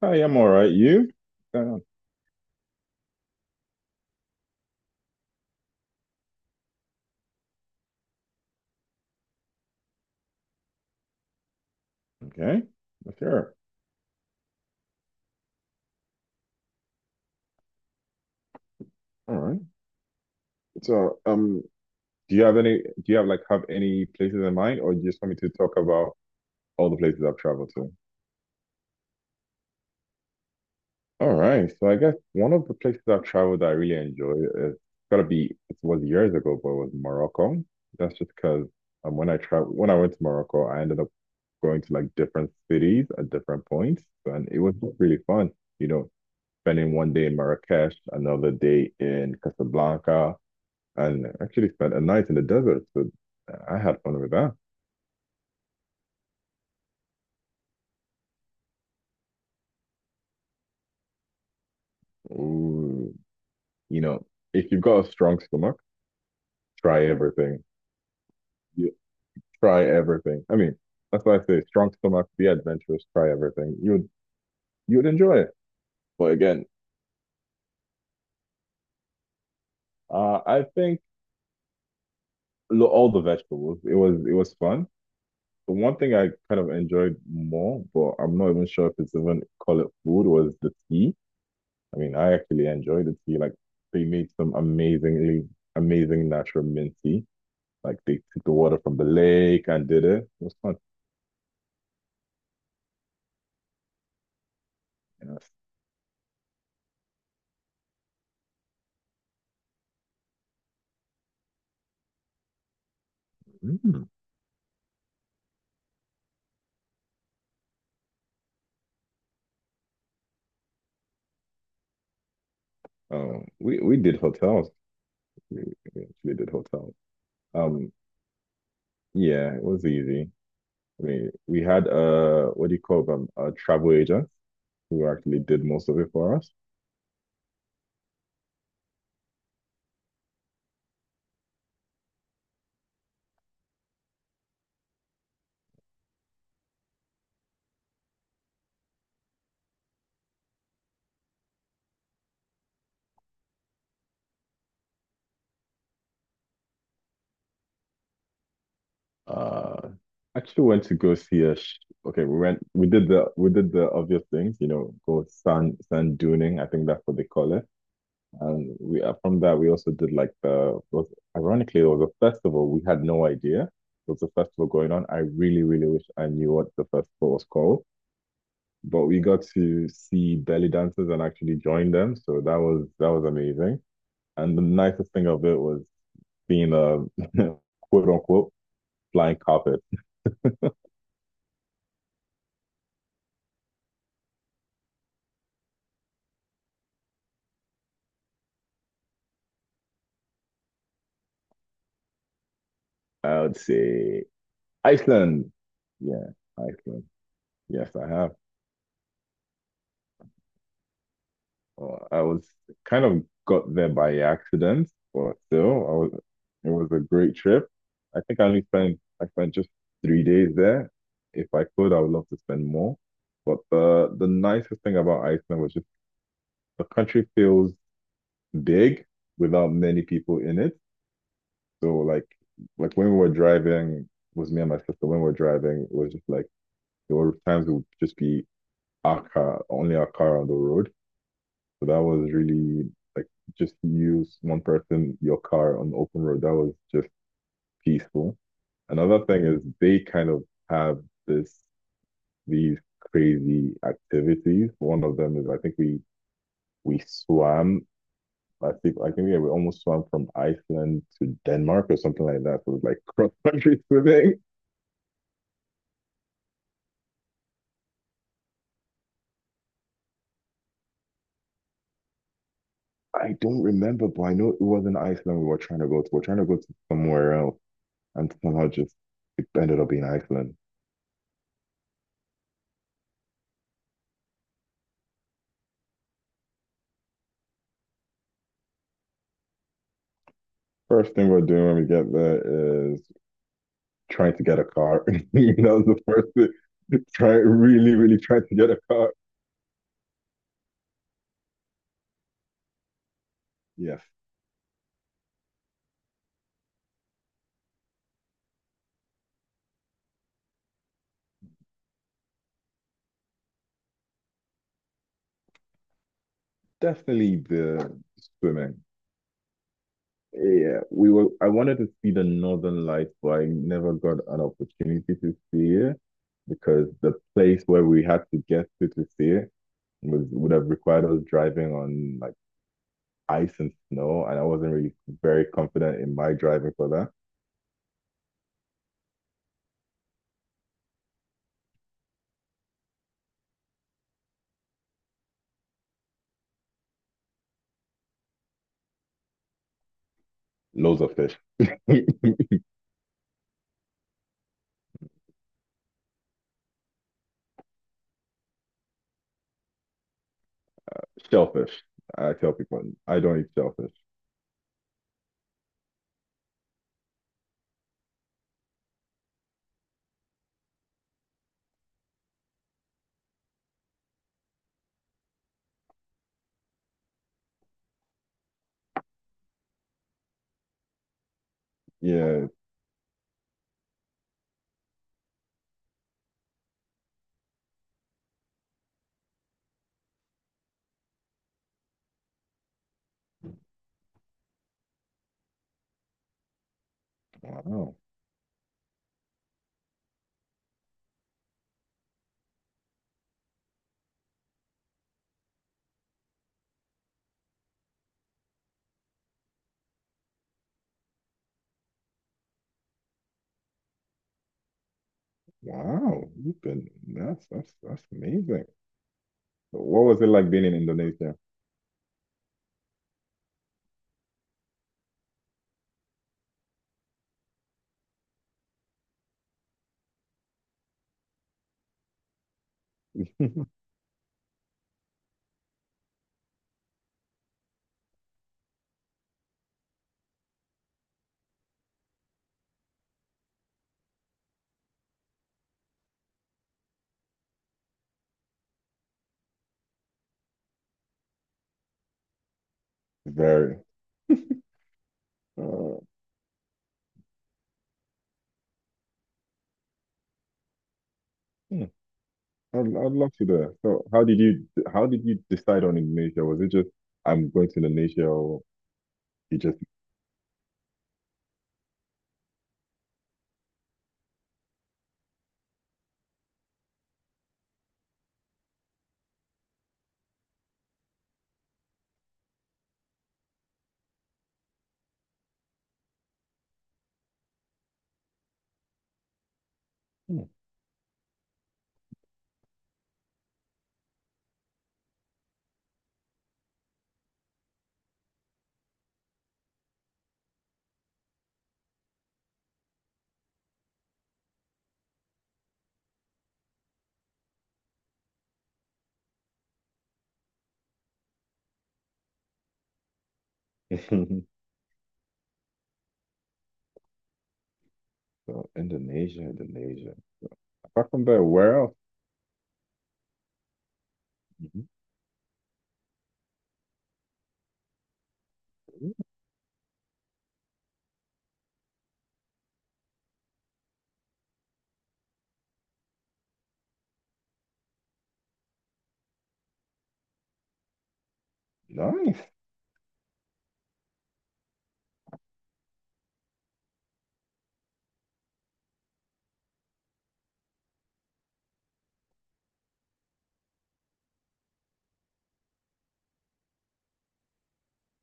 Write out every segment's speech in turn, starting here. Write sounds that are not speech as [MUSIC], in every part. I am all right. You? Uh, okay. Sure. All right. So, do you have like have any places in mind, or you just want me to talk about all the places I've traveled to? All right. So I guess one of the places I've traveled that I really enjoy is gotta be it was years ago, but it was Morocco. That's just because when I went to Morocco, I ended up going to like different cities at different points, and it was just really fun. You know, Spending one day in Marrakesh, another day in Casablanca and actually spent a night in the desert. So I had fun with that. Ooh, you know, if you've got a strong stomach, try everything. You try everything. I mean, that's why I say strong stomach, be adventurous, try everything. You'd enjoy it. But again, I think all the vegetables. It was fun. The one thing I kind of enjoyed more, but I'm not even sure if it's even call it food, was the tea. I mean, I actually enjoyed the tea. Like they made some amazing natural mint tea. Like they took the water from the lake and did it. It was fun. And I was like, "Hmm." We did hotels. We, we actually did hotels. Um, yeah, it was easy. I mean, we had what do you call them? A travel agent who actually did most of it for us. Uh, actually went to go see a. Sh Okay, we went. We did the obvious things. Go sand duning. I think that's what they call it. And we from that we also did like the was ironically it was a festival. We had no idea there was a festival going on. I really, really wish I knew what the festival was called. But we got to see belly dancers and actually join them. So that was amazing. And the nicest thing of it was being a [LAUGHS] quote unquote flying carpet. I would say Iceland. Yeah, Iceland. Yes, I have. Well, I was kind of got there by accident, but still, it was a great trip. I think I spent just 3 days there. If I could, I would love to spend more. But the nicest thing about Iceland was just the country feels big without many people in it. So like when we were driving, it was me and my sister. When we were driving, it was just like there were times it would just be our car, only our car on the road. So that was really like just use one person, your car on the open road. That was just peaceful. Another thing is they kind of have this these crazy activities. One of them is I think we swam. I think yeah, we almost swam from Iceland to Denmark or something like that. So it was like [LAUGHS] cross country swimming. I don't remember, but I know it wasn't Iceland we were trying to go to. We are trying to go to somewhere else, and somehow just it ended up being Iceland. First thing we're doing when we get there is trying to get a car. [LAUGHS] That was the first thing. Try Really, really trying to get a car. Yes, definitely the swimming. Yeah, we were. I wanted to see the Northern Lights, but I never got an opportunity to see it because the place where we had to get to see it was would have required us driving on like ice and snow, and I wasn't really very confident in my driving for that. Loads of fish. [LAUGHS] Shellfish. I tell people I don't eat shellfish. Yeah. Wow. Wow. You've been that's amazing. What was it like being in Indonesia? [LAUGHS] Very. Uh, hmm. I'd love to do that. So how did you decide on Indonesia? Was it just I'm going to Indonesia, or you just? Hmm. [LAUGHS] So Indonesia. Apart from that, where else? Mhm. Nice.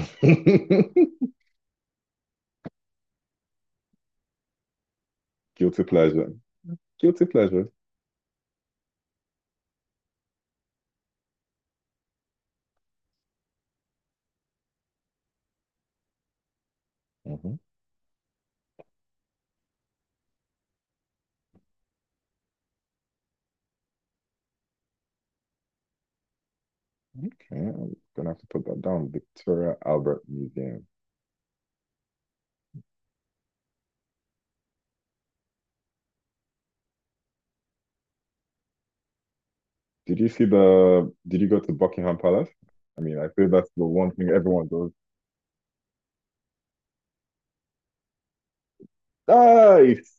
[LAUGHS] Guilty pleasure. Guilty pleasure. Mhm. Okay, I'm gonna have to put that down. Victoria Albert Museum. Did you see the? Did you go to Buckingham Palace? I mean, I feel that's the one thing everyone does. Nice.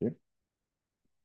You